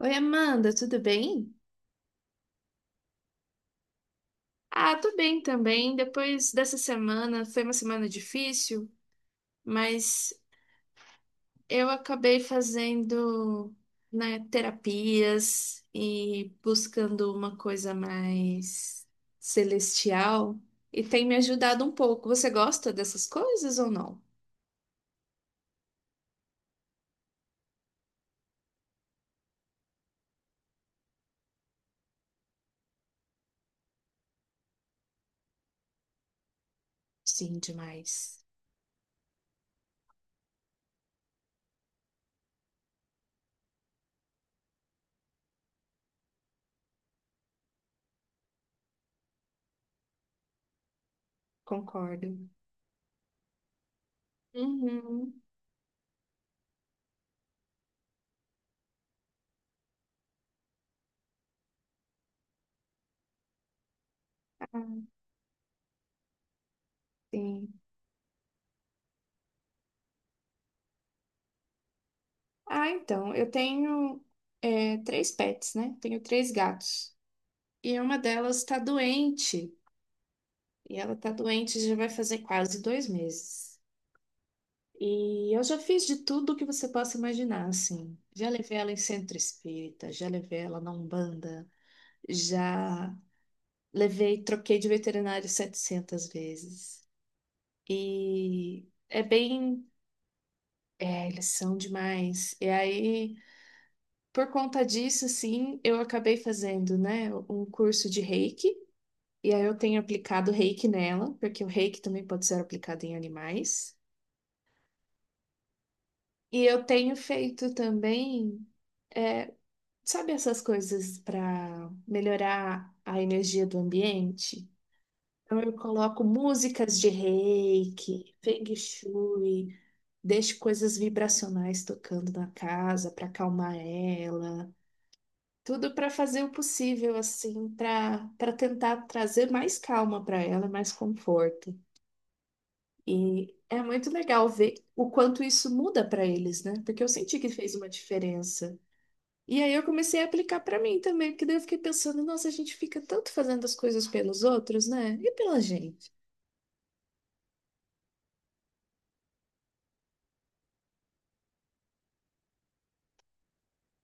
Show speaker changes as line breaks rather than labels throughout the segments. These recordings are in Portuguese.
Oi, Amanda, tudo bem? Ah, tô bem também. Depois dessa semana, foi uma semana difícil, mas eu acabei fazendo, né, terapias e buscando uma coisa mais celestial e tem me ajudado um pouco. Você gosta dessas coisas ou não? Sim, demais. Concordo. Uhum. Sim. Ah, então, eu tenho três pets, né? Tenho três gatos. E uma delas está doente. E ela está doente já vai fazer quase 2 meses. E eu já fiz de tudo que você possa imaginar, assim. Já levei ela em centro espírita, já levei ela na Umbanda, já levei, troquei de veterinário 700 vezes. E é bem. É, eles são demais. E aí, por conta disso, assim, eu acabei fazendo, né, um curso de Reiki. E aí eu tenho aplicado reiki nela, porque o reiki também pode ser aplicado em animais. E eu tenho feito também, é, sabe essas coisas para melhorar a energia do ambiente? Então eu coloco músicas de reiki, feng shui, deixo coisas vibracionais tocando na casa para acalmar ela. Tudo para fazer o possível, assim, para tentar trazer mais calma para ela, mais conforto. E é muito legal ver o quanto isso muda para eles, né? Porque eu senti que fez uma diferença. E aí eu comecei a aplicar para mim também, porque daí eu fiquei pensando, nossa, a gente fica tanto fazendo as coisas pelos outros, né? E pela gente.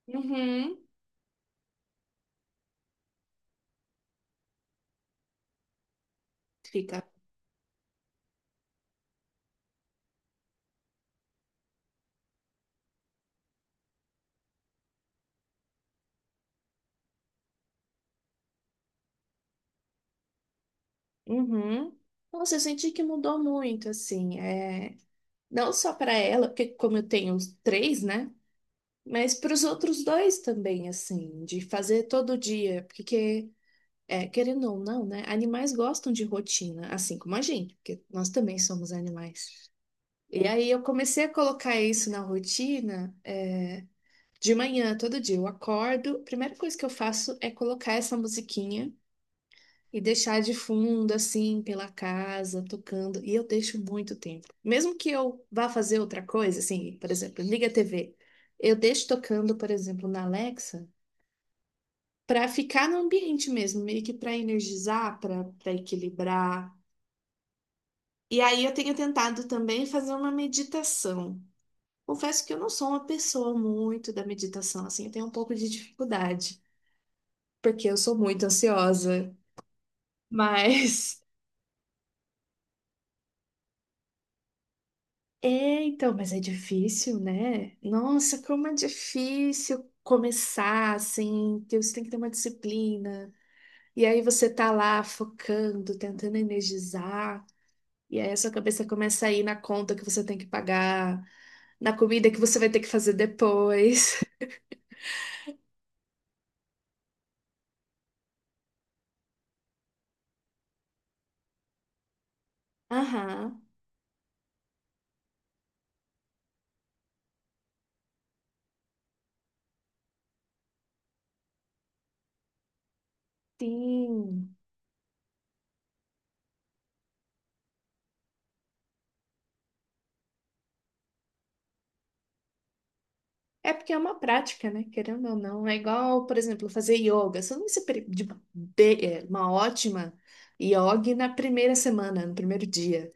Uhum. Fica. Uhum. Nossa, eu senti que mudou muito, assim, é... não só para ela, porque como eu tenho os três, né? Mas para os outros dois também, assim, de fazer todo dia, porque querendo ou não, né? Animais gostam de rotina, assim como a gente, porque nós também somos animais. E aí eu comecei a colocar isso na rotina, de manhã, todo dia. Eu acordo, a primeira coisa que eu faço é colocar essa musiquinha e deixar de fundo, assim, pela casa, tocando. E eu deixo muito tempo. Mesmo que eu vá fazer outra coisa, assim, por exemplo, liga a TV. Eu deixo tocando, por exemplo, na Alexa para ficar no ambiente mesmo, meio que para energizar, para equilibrar. E aí eu tenho tentado também fazer uma meditação. Confesso que eu não sou uma pessoa muito da meditação, assim, eu tenho um pouco de dificuldade, porque eu sou muito ansiosa. Mas então, mas é difícil, né? Nossa, como é difícil começar assim, que você tem que ter uma disciplina. E aí você tá lá focando, tentando energizar. E aí a sua cabeça começa a ir na conta que você tem que pagar, na comida que você vai ter que fazer depois. Aham, sim. É porque é uma prática, né? Querendo ou não. É igual, por exemplo, fazer yoga. Você não vai ser uma ótima yoga na primeira semana, no primeiro dia.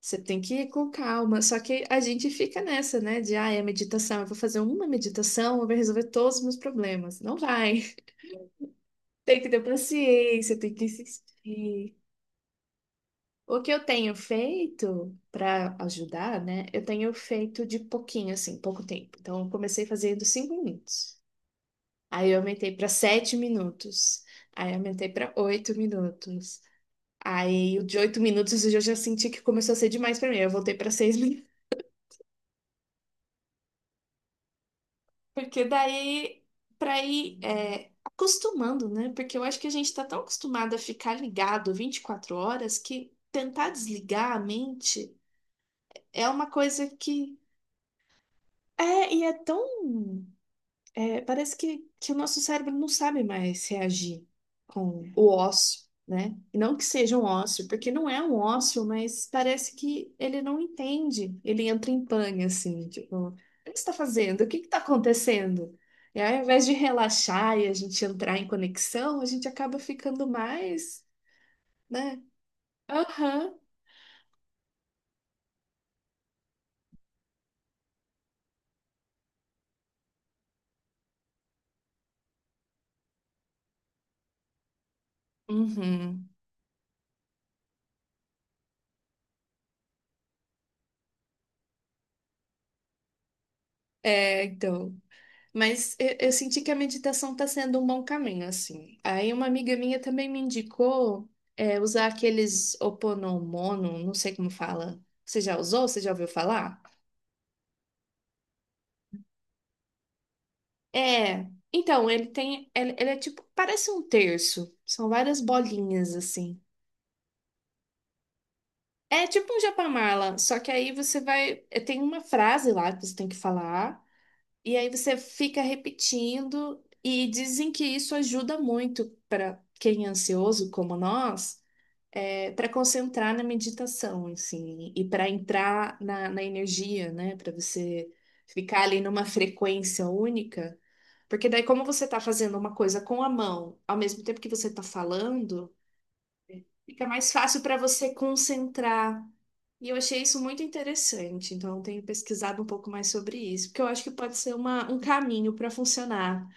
Você tem que ir com calma. Só que a gente fica nessa, né? De, ah, é meditação. Eu vou fazer uma meditação, eu vou resolver todos os meus problemas. Não vai. Tem que ter paciência, tem que insistir. O que eu tenho feito para ajudar, né? Eu tenho feito de pouquinho, assim, pouco tempo. Então, eu comecei fazendo 5 minutos. Aí, eu aumentei para 7 minutos. Aí, eu aumentei para 8 minutos. Aí, o de 8 minutos eu já senti que começou a ser demais para mim. Eu voltei para 6 minutos. Porque daí, para ir acostumando, né? Porque eu acho que a gente está tão acostumado a ficar ligado 24 horas que tentar desligar a mente é uma coisa que É, e é tão. Parece que o nosso cérebro não sabe mais reagir com o ócio, né? E não que seja um ócio, porque não é um ócio, mas parece que ele não entende. Ele entra em pane, assim, tipo, o que você está fazendo? O que está acontecendo? E aí, ao invés de relaxar e a gente entrar em conexão, a gente acaba ficando mais, né? Aham. Uhum. É, então. Mas eu senti que a meditação está sendo um bom caminho, assim. Aí uma amiga minha também me indicou usar aqueles Oponomono, não sei como fala. Você já usou? Você já ouviu falar? É. Então, ele tem. Ele é tipo. Parece um terço. São várias bolinhas, assim. É tipo um Japamala, só que aí você vai. Tem uma frase lá que você tem que falar, e aí você fica repetindo, e dizem que isso ajuda muito para quem é ansioso, como nós para concentrar na meditação, assim, e para entrar na energia, né? Para você ficar ali numa frequência única. Porque daí, como você está fazendo uma coisa com a mão, ao mesmo tempo que você está falando, fica mais fácil para você concentrar. E eu achei isso muito interessante, então eu tenho pesquisado um pouco mais sobre isso, porque eu acho que pode ser um caminho para funcionar.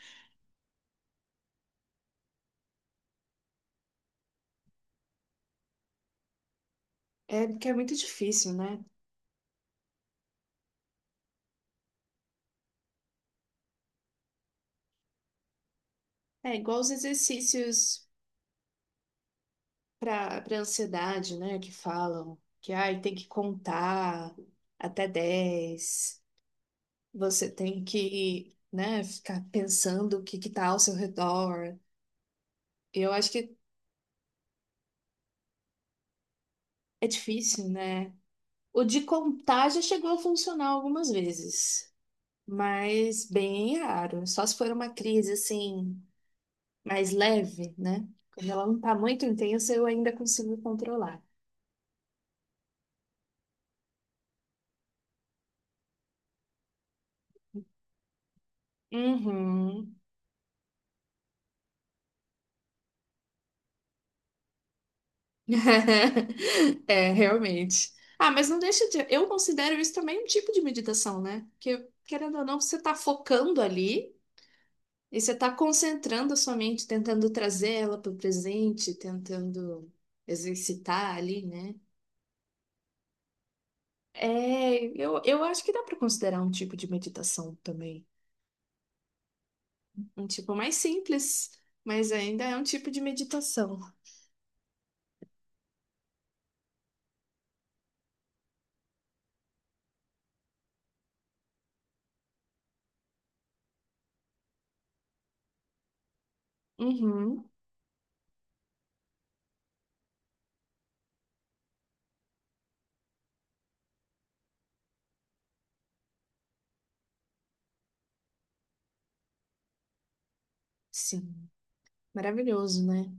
É, porque é muito difícil, né? É igual os exercícios. Para ansiedade, né? Que falam que ai, tem que contar até 10, você tem que, né, ficar pensando o que que tá ao seu redor. Eu acho que é difícil, né? O de contar já chegou a funcionar algumas vezes, mas bem raro. Só se for uma crise assim mais leve, né? Quando ela não tá muito intensa, eu ainda consigo controlar. Uhum. É, realmente. Ah, mas não deixa de. Eu considero isso também um tipo de meditação, né? Porque, querendo ou não, você está focando ali e você está concentrando a sua mente, tentando trazer ela para o presente, tentando exercitar ali, né? É, eu acho que dá para considerar um tipo de meditação também. Um tipo mais simples, mas ainda é um tipo de meditação. Uhum, sim, maravilhoso, né?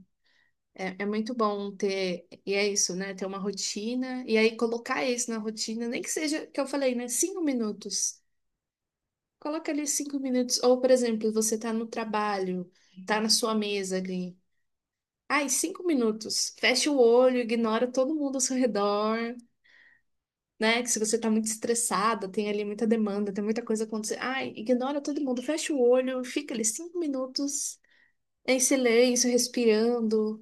É, é muito bom ter, e é isso, né? Ter uma rotina, e aí colocar isso na rotina, nem que seja, que eu falei, né? 5 minutos. Coloca ali 5 minutos. Ou, por exemplo, você tá no trabalho, tá na sua mesa ali. Ai, 5 minutos. Fecha o olho, ignora todo mundo ao seu redor, né? Que se você tá muito estressada, tem ali muita demanda, tem muita coisa acontecendo. Ai, ignora todo mundo, fecha o olho, fica ali 5 minutos em silêncio, respirando.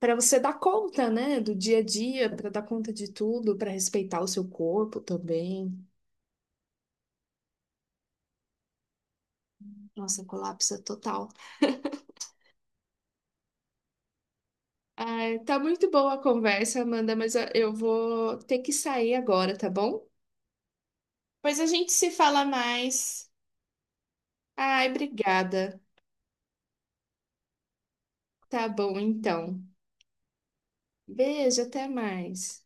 Para você dar conta, né, do dia a dia, para dar conta de tudo, para respeitar o seu corpo também. Nossa, colapsa total. Ah, tá muito boa a conversa, Amanda, mas eu vou ter que sair agora, tá bom? Pois a gente se fala mais. Ai, obrigada. Tá bom, então. Beijo, até mais.